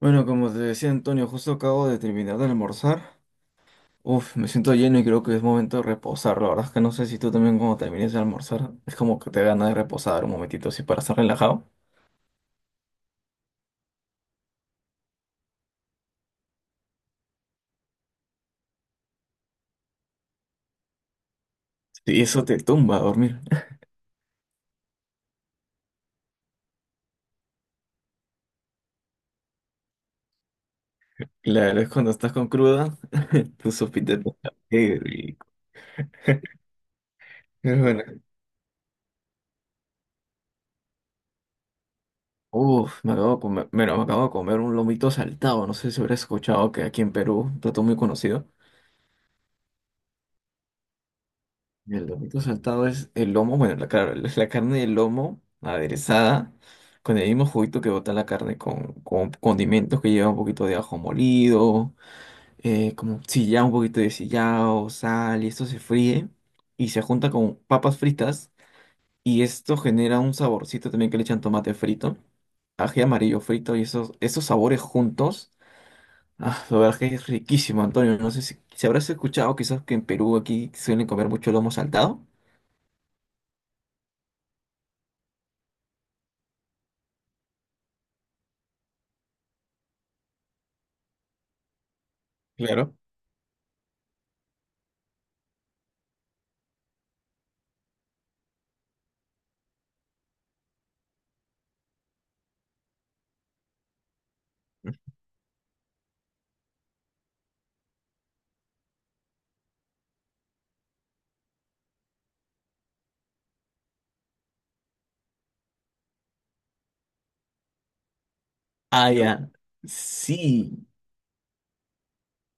Bueno, como te decía Antonio, justo acabo de terminar de almorzar. Me siento lleno y creo que es momento de reposar. La verdad es que no sé si tú también cuando termines de almorzar es como que te da ganas de reposar un momentito así para estar relajado. Y eso te tumba a dormir. Claro, es cuando estás con cruda, tu sopita de pescado. Qué rico. Es bueno. Me acabo de comer, bueno, me acabo de comer un lomito saltado. No sé si habrás escuchado que aquí en Perú, un plato muy conocido. El lomito saltado es el lomo, bueno, la, claro, la carne del lomo aderezada, con el mismo juguito que bota la carne, con condimentos que lleva un poquito de ajo molido, como sillao, un poquito de sillao, sal, y esto se fríe y se junta con papas fritas, y esto genera un saborcito también que le echan tomate frito, ají amarillo frito, y esos, esos sabores juntos. Ah, la verdad que es riquísimo, Antonio. No sé si, si habrás escuchado quizás que en Perú aquí suelen comer mucho lomo saltado. Claro. Ah, ya. Sí,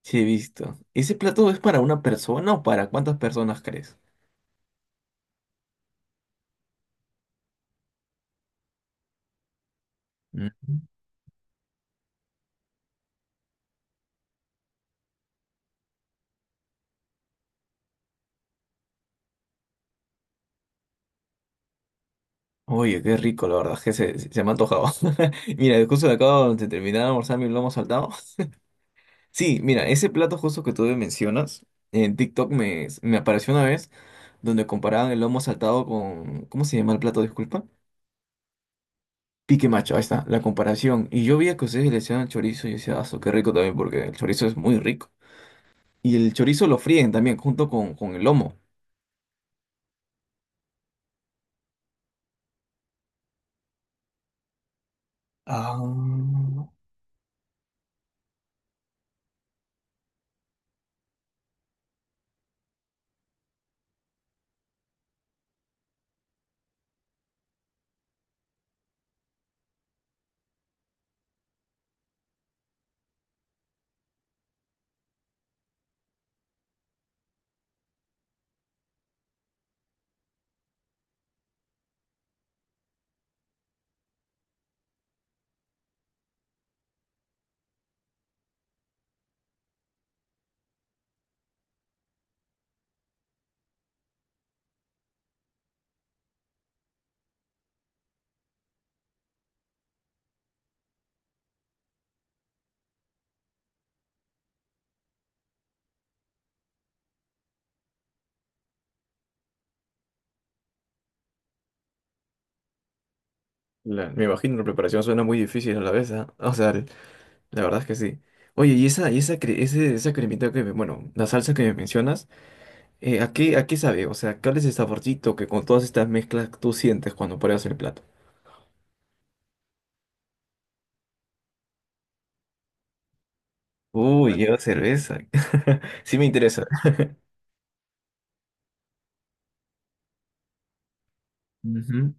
sí he visto. ¿Ese plato es para una persona o para cuántas personas crees? Mm. Oye, qué rico, la verdad, que se- me ha antojado. Mira, justo de acá de terminar de almorzar mi lomo saltado. Sí, mira, ese plato justo que tú me mencionas, en TikTok me, me apareció una vez donde comparaban el lomo saltado con... ¿Cómo se llama el plato? Disculpa. Pique macho, ahí está, la comparación. Y yo vi que ustedes le echaban chorizo y yo decía, ah, su, qué rico también, porque el chorizo es muy rico. Y el chorizo lo fríen también junto con el lomo. Ah, la- me imagino la preparación suena muy difícil a la vez, ¿ah? O sea, el- la verdad es que sí. Oye, y esa, cre- ese- esa cremita que, me- bueno, la salsa que me mencionas, a qué sabe? O sea, ¿cuál es el saborcito que con todas estas mezclas tú sientes cuando pruebas el plato? Uy, lleva cerveza. Sí me interesa. Ujú.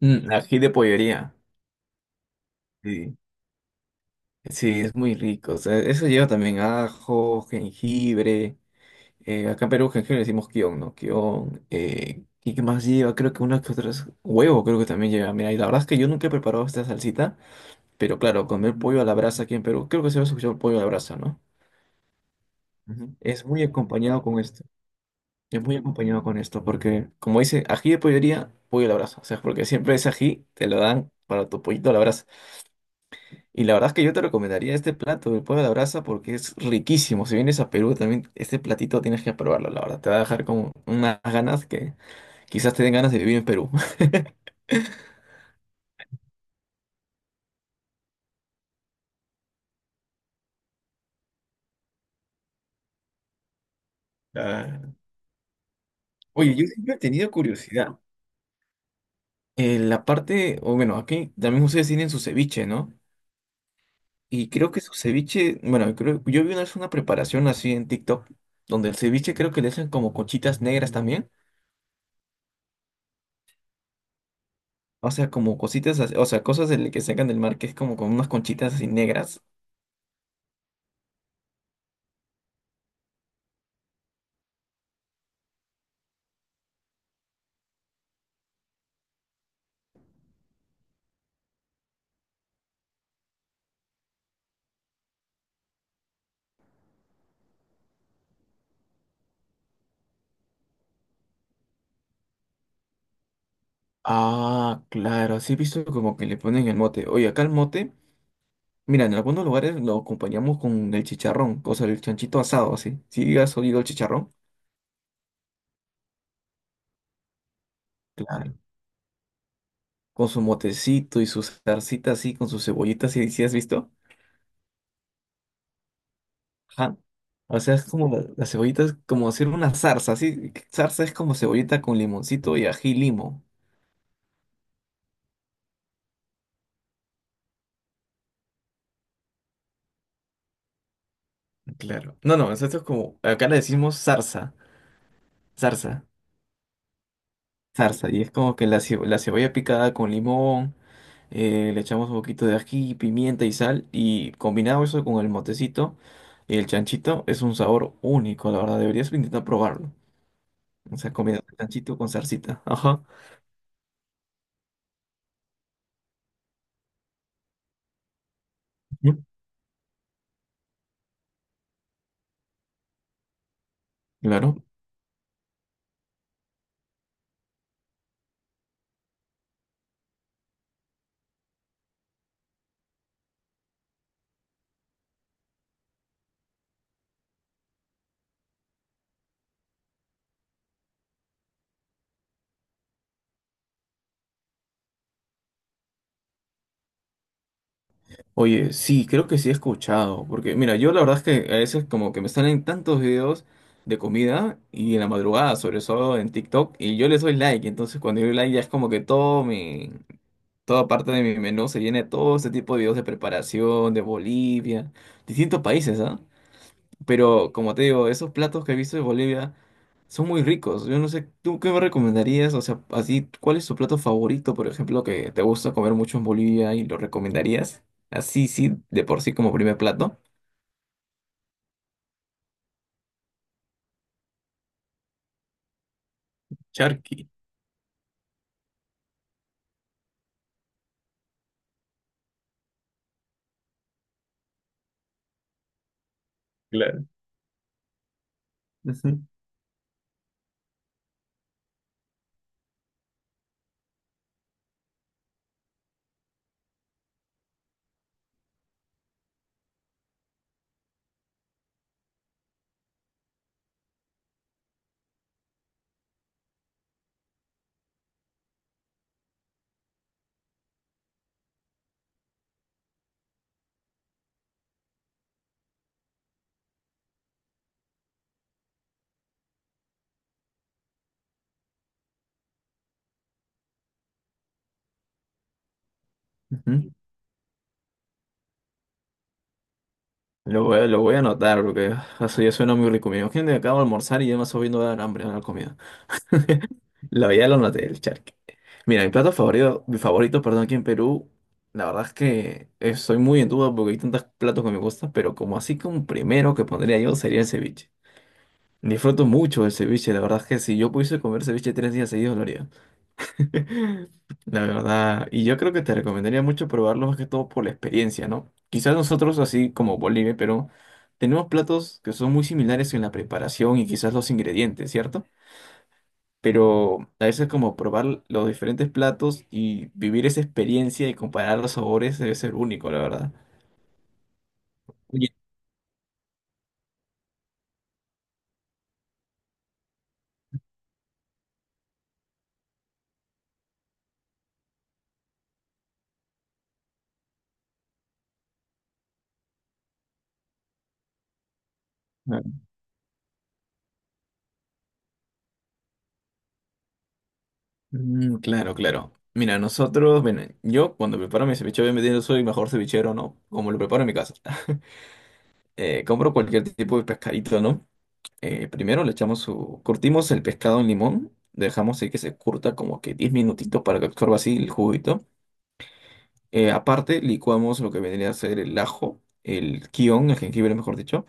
Mm, ají de pollería. Sí. Sí, es muy rico. O sea, eso lleva también ajo, jengibre. Acá en Perú, que le decimos kion, ¿no? Kion. ¿Y qué más lleva? Creo que unas que otras. Huevo, creo que también lleva. Mira, y la verdad es que yo nunca he preparado esta salsita, pero claro, comer pollo a la brasa aquí en Perú, creo que se va a escuchar pollo a la brasa, ¿no? Ujú. Es muy acompañado con esto. Es muy acompañado con esto, porque como dice, ají de pollería, pollo a la brasa. O sea, porque siempre ese ají te lo dan para tu pollito a la brasa. Y la verdad es que yo te recomendaría este plato del pollo a la brasa porque es riquísimo. Si vienes a Perú también, este platito tienes que probarlo, la verdad. Te va a dejar con unas ganas que... Quizás te den ganas de vivir en Perú. Ah, oye, yo siempre he tenido curiosidad. La parte, o bueno, aquí también ustedes tienen su ceviche, ¿no? Y creo que su ceviche, bueno, creo, yo vi una vez una preparación así en TikTok, donde el ceviche creo que le hacen como conchitas negras también. O sea, como cositas, así- o sea, cosas del que sacan del mar que es como con unas conchitas así negras. Ah, claro, así he visto como que le ponen el mote. Oye, acá el mote, mira, en algunos lugares lo acompañamos con el chicharrón, o sea, el chanchito asado, así. ¿Sí has oído el chicharrón? Claro. Con su motecito y su salsita así, con sus cebollitas, ¿y si has visto? Ajá. O sea, es como la- las cebollitas, como hacer una zarza, así. Zarza es como cebollita con limoncito y ají y limo. Claro. No, no, esto es como, acá le decimos zarza, zarza. Zarza, y es como que la, cebo- la cebolla picada con limón, le echamos un poquito de ají, pimienta y sal, y combinado eso con el motecito y el chanchito, es un sabor único, la verdad, deberías intentar probarlo. O sea, comida de chanchito con zarcita. Ajá. Mm, claro. Oye, sí, creo que sí he escuchado, porque mira, yo la verdad es que a veces como que me salen tantos videos de comida y en la madrugada, sobre todo en TikTok, y yo les doy like, entonces cuando yo doy like ya es como que todo mi, toda parte de mi menú se llena de todo este tipo de videos de preparación, de Bolivia, distintos países, ¿ah? Pero como te digo, esos platos que he visto de Bolivia son muy ricos. Yo no sé, ¿tú qué me recomendarías? O sea, así, ¿cuál es tu plato favorito, por ejemplo, que te gusta comer mucho en Bolivia y lo recomendarías? Así, sí, de por sí como primer plato. Charqui, claro. Ujú, ujú. Lo voy a anotar porque eso ya suena muy rico. Me imagino que acabo de almorzar y ya me está viendo dar hambre a la comida. La ya lo noté, el charque. Mira, mi plato favorito, mi favorito, perdón, aquí en Perú, la verdad es que estoy muy en duda porque hay tantos platos que me gustan, pero como así que un primero que pondría yo sería el ceviche. Disfruto mucho el ceviche, la verdad es que si yo pudiese comer ceviche 3 días seguidos lo haría. La verdad, y yo creo que te recomendaría mucho probarlo más que todo por la experiencia, ¿no? Quizás nosotros, así como Bolivia, pero tenemos platos que son muy similares en la preparación y quizás los ingredientes, ¿cierto? Pero a veces como probar los diferentes platos y vivir esa experiencia y comparar los sabores debe ser único, la verdad. Oye, ah, mm, claro, claro. Mira, nosotros, bueno, yo cuando preparo mi ceviche, obviamente no soy mejor cevichero, ¿no? Como lo preparo en mi casa. Compro cualquier tipo de pescadito, ¿no? Primero le echamos su... Curtimos el pescado en limón, dejamos ahí que se curta como que 10 minutitos para que absorba así el juguito. Aparte, licuamos lo que vendría a ser el ajo, el kion, el jengibre, mejor dicho.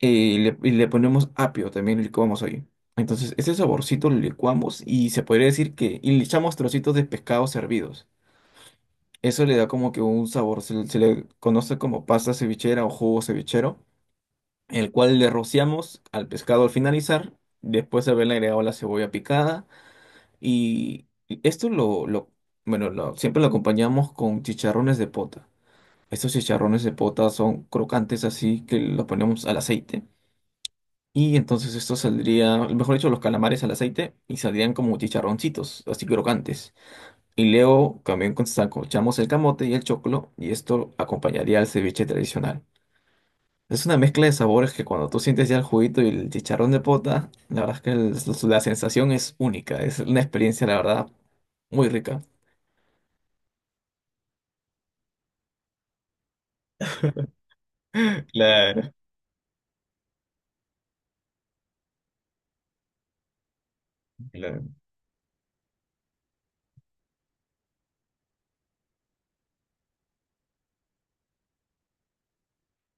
y le ponemos apio también, licuamos ahí. Entonces, ese saborcito lo licuamos y se podría decir que, y le echamos trocitos de pescado servidos. Eso le da como que un sabor, se le conoce como pasta cevichera o jugo cevichero, el cual le rociamos al pescado al finalizar, después de haberle agregado la cebolla picada. Y esto lo bueno, lo- siempre lo acompañamos con chicharrones de pota. Estos chicharrones de pota son crocantes así que los ponemos al aceite. Y entonces esto saldría, mejor dicho, los calamares al aceite y saldrían como chicharroncitos, así crocantes. Y luego también con saco echamos el camote y el choclo y esto acompañaría al ceviche tradicional. Es una mezcla de sabores que cuando tú sientes ya el juguito y el chicharrón de pota, la verdad es que el- la sensación es única, es una experiencia, la verdad, muy rica. Claro, claro,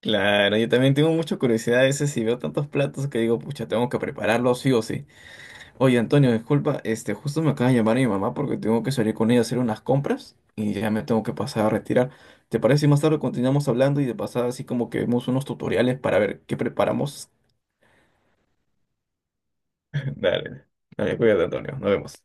claro. Yo también tengo mucha curiosidad a veces si veo tantos platos que digo, pucha, tengo que prepararlos sí o sí. Oye, Antonio, disculpa, este, justo me acaba de llamar mi mamá porque tengo que salir con ella a hacer unas compras y ya me tengo que pasar a retirar. ¿Te parece si más tarde continuamos hablando y de pasada así como que vemos unos tutoriales para ver qué preparamos? Dale, dale, cuídate, Antonio, nos vemos.